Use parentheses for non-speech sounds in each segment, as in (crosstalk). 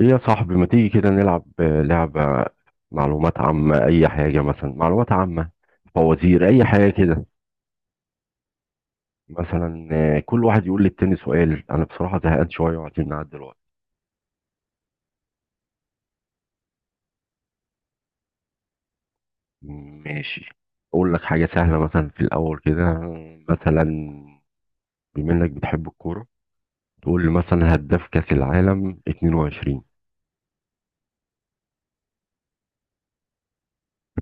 ايه يا صاحبي ما تيجي كده نلعب لعبة معلومات عامة، أي حاجة. مثلا معلومات عامة، فوازير، أي حاجة كده. مثلا كل واحد يقول للتاني سؤال. أنا بصراحة زهقان شوية وعايزين نعدي الوقت. ماشي، أقول لك حاجة سهلة مثلا في الأول كده. مثلا بما إنك بتحب الكورة، تقول لي مثلا هداف كأس العالم 22.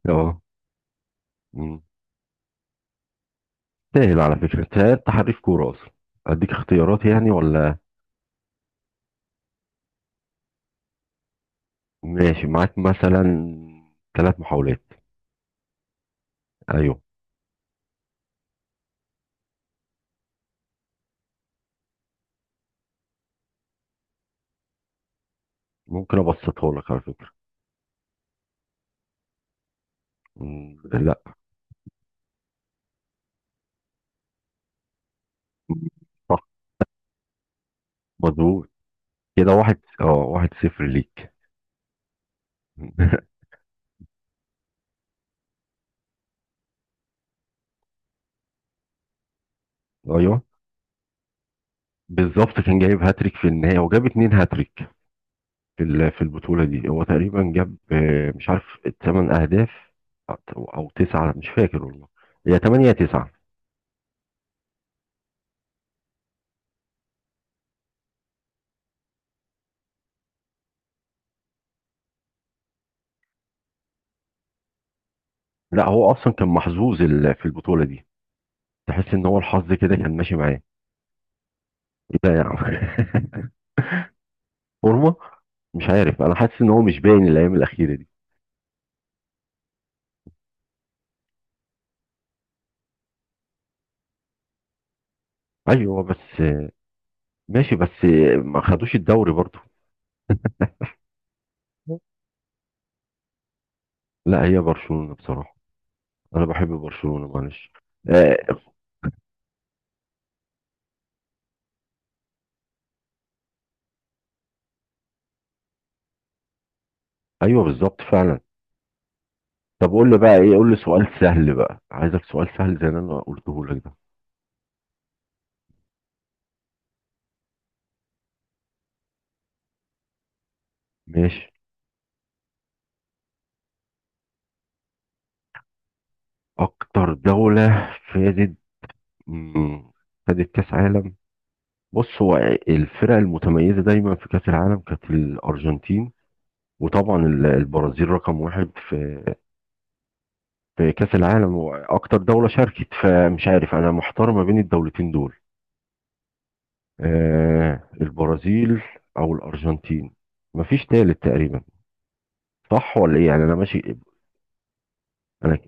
أه. مم. سهل على فكرة، أنت حريف كورة أصلا. أديك اختيارات يعني ولا؟ ماشي معاك، مثلا ثلاث محاولات. ايوه. ممكن ابسطها لك على فكره. لا. صح، مظبوط. كده واحد، اه، واحد صفر ليك. (laughs) ايوه بالظبط، كان جايب هاتريك في النهايه، وجاب اتنين هاتريك في في البطوله دي. هو تقريبا جاب، مش عارف، تمن اهداف او أو تسعه، مش فاكر والله. هي تمانية يا تسعه. لا، هو اصلا كان محظوظ في البطوله دي. تحس ان هو الحظ كده كان ماشي معاه. ايه ده يا عم؟ (laughs) فورمه. مش عارف، انا حاسس ان هو مش باين الايام الاخيره دي. ايوه بس، ماشي بس ما خدوش الدوري برضو. لا، هي برشلونة بصراحة، انا بحب برشلونة، معلش. آه. ايوه بالظبط فعلا. طب قول لي بقى ايه، قول لي سؤال سهل بقى، عايزك سؤال سهل زي اللي انا قلته لك ده. ماشي. اكتر دولة فازت، مم، خدت كاس عالم. بص، هو الفرق المتميزة دايما في كاس العالم كانت الارجنتين، وطبعا البرازيل رقم واحد في في كاس العالم واكتر دولة شاركت. فمش عارف، انا محتار ما بين الدولتين دول. آه، البرازيل او الارجنتين، مفيش تالت تقريبا. صح ولا ايه يعني؟ انا ماشي. انا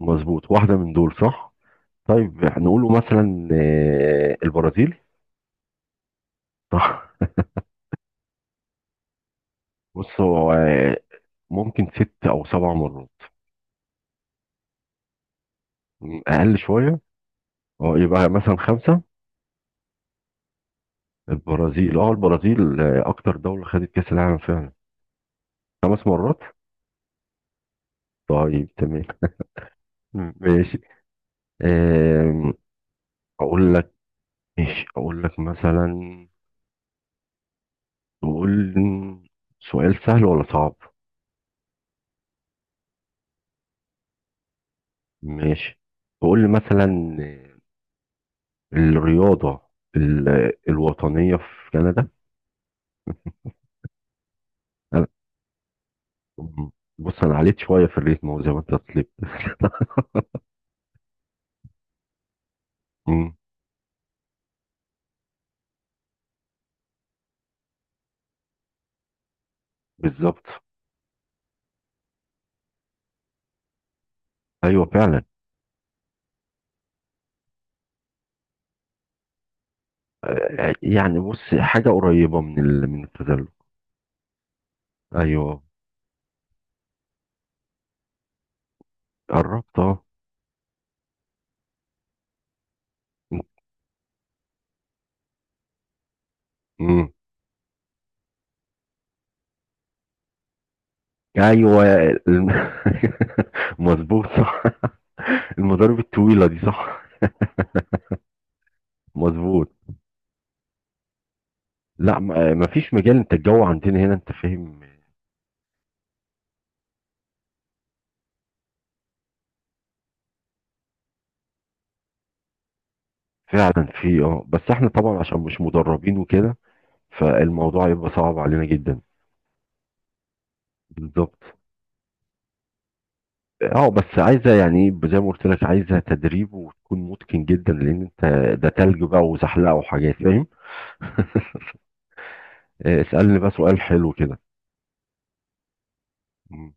مظبوط، واحده من دول صح. طيب هنقوله مثلا آه، البرازيل. صح. (laughs) بص هو ممكن ست او سبع مرات. م، اقل شويه. اه، يبقى مثلا خمسه. البرازيل، اه البرازيل، اكتر دوله خدت كاس العالم فعلا. خمس مرات. طيب تمام. ماشي. آم، اقول لك. ماشي، اقول لك مثلا وقول سؤال سهل ولا صعب؟ ماشي. وقول لي مثلا الرياضة الوطنية في كندا. أنا- بص، انا عليت شوية في الريتم زي ما انت طلبت. مم، بالظبط. ايوه فعلا. يعني بص حاجة قريبة من من التزلج. ايوه، قربت اه. مم. ايوه الم- (laughs) مظبوط صح. (laughs) المضارب الطويلة دي صح. مظبوط. لا مفيش مجال. انت الجو عندنا هنا انت فاهم. فعلا في اه، بس احنا طبعا عشان مش مدربين وكده، فالموضوع يبقى صعب علينا جدا. بالظبط. اه بس عايزه يعني ايه، زي ما قلت لك، عايزه تدريب وتكون متقن جدا، لان انت ده تلج بقى وزحلقه وحاجات فاهم. اسالني بقى سؤال حلو كده. م-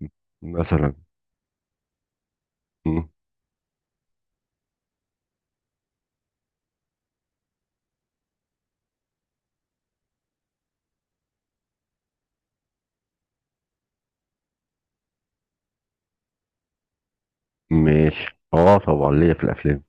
م- مثلا. م- ماشي، اه طبعا ليا في الافلام.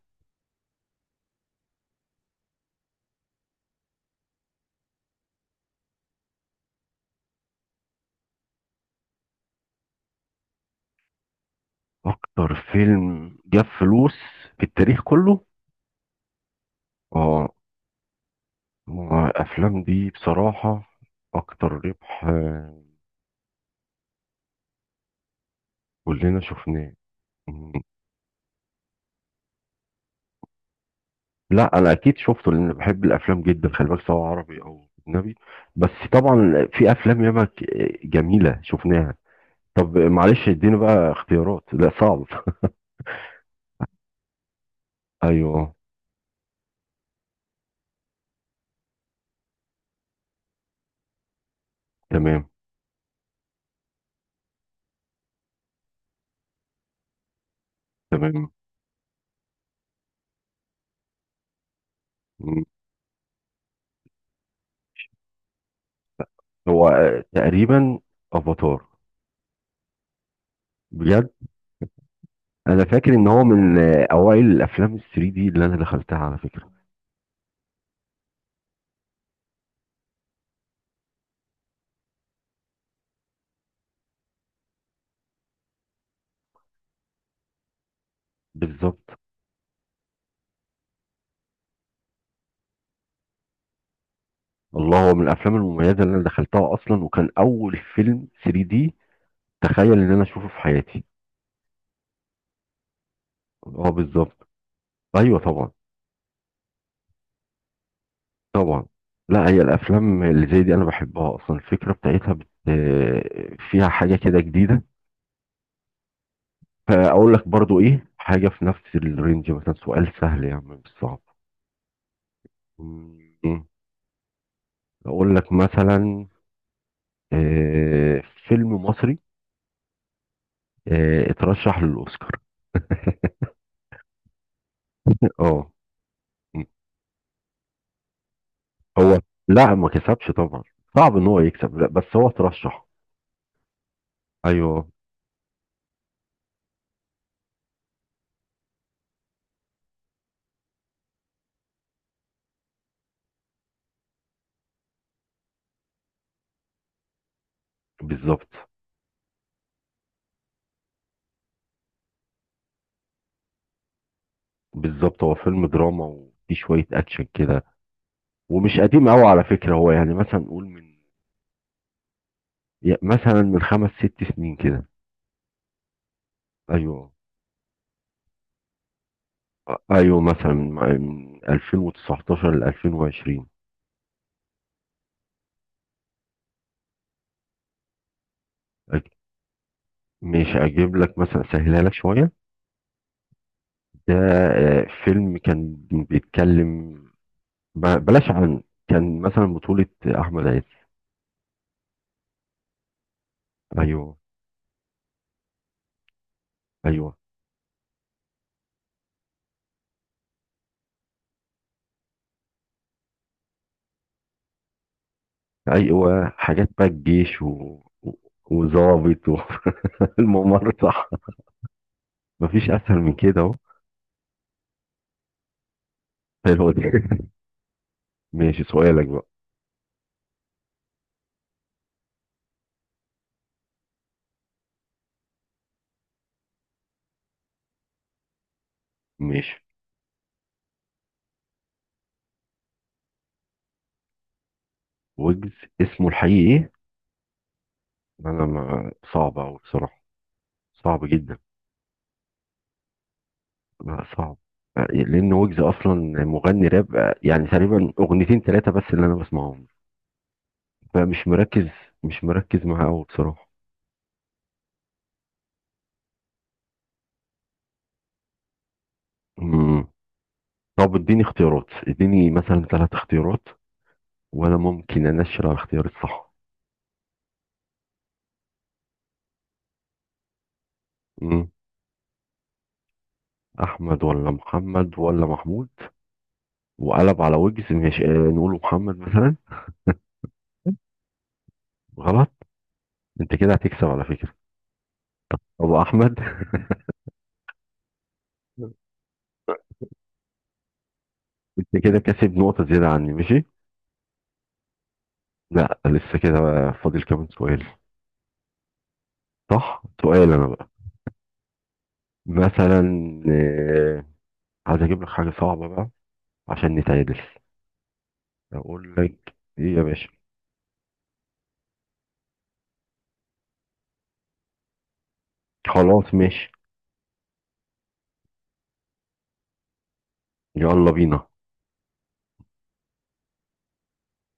اكتر فيلم جاب فلوس في التاريخ كله. اه، ما الأفلام دي بصراحة أكتر ربح كلنا شفناه. مم. لا أنا أكيد شفته، لأن بحب الأفلام جدا، خلي بالك، سواء عربي أو أجنبي. بس طبعا في أفلام ياما جميلة شفناها. طب معلش اديني بقى اختيارات، لا صعب. (laughs) أيوه. تمام. تمام. مم. هو تقريبا أفاتار. بجد. أنا فاكر إن هو من أوائل الأفلام ال 3 دي اللي أنا دخلتها على فكرة. بالظبط. الله، هو من الافلام المميزه اللي انا دخلتها اصلا، وكان اول فيلم 3 دي تخيل ان انا اشوفه في حياتي. اه بالظبط. ايوه طبعا. طبعا. لا، هي الافلام اللي زي دي انا بحبها اصلا، الفكره بتاعتها بت... آه، فيها حاجه كده جديده. فاقول لك برضو ايه حاجه في نفس الرينج. مثلا سؤال سهل يا عم، مش صعب. مم. اقول لك مثلا آه، فيلم مصري اترشح للاوسكار. (laughs) اه. هو لا، ما كسبش طبعا، صعب ان هو يكسب، لا بس هو ترشح. ايوه. بالظبط، بالظبط، هو فيلم دراما وفي شويه اكشن كده. ومش قديم قوي على فكره، هو يعني مثلا نقول من، مثلا من خمس ست سنين كده. ايوه. ايوه مثلا من من 2019 ل 2020. أج- مش اجيب لك مثلا، سهلها لك شويه. ده فيلم كان بيتكلم، بلاش عن، كان مثلا بطوله احمد عز. ايوه. ايوه. ايوه، حاجات بقى الجيش و... و- وظابط والممرضة. (laughs) مفيش اسهل من كده اهو. حلو دي. (laughs) ماشي، سؤالك بقى. ماشي. ويجز اسمه الحقيقي ايه؟ انا، ما، صعب قوي بصراحة. صعب جدا. لا صعب. لان ويجز اصلا مغني راب، يعني تقريبا اغنيتين ثلاثة بس اللي انا بسمعهم. فمش مركز، مش مركز معاه قوي بصراحة. مم. طب اديني اختيارات، اديني مثلا ثلاث اختيارات وانا ممكن انشر على الاختيار الصح. مم. احمد ولا محمد ولا محمود. وقلب على وجز، ماشي، نقوله محمد مثلا. غلط. انت كده هتكسب على فكره. ابو احمد. (laughs) انت كده كسب نقطه زياده عني، ماشي. لا، لسه كده بقى، فاضل كمان سؤال. صح، سؤال انا بقى مثلا، آه، عايز اجيب لك حاجه صعبه بقى عشان نتعادل. اقول لك ايه يا باشا. خلاص ماشي. يلا بينا.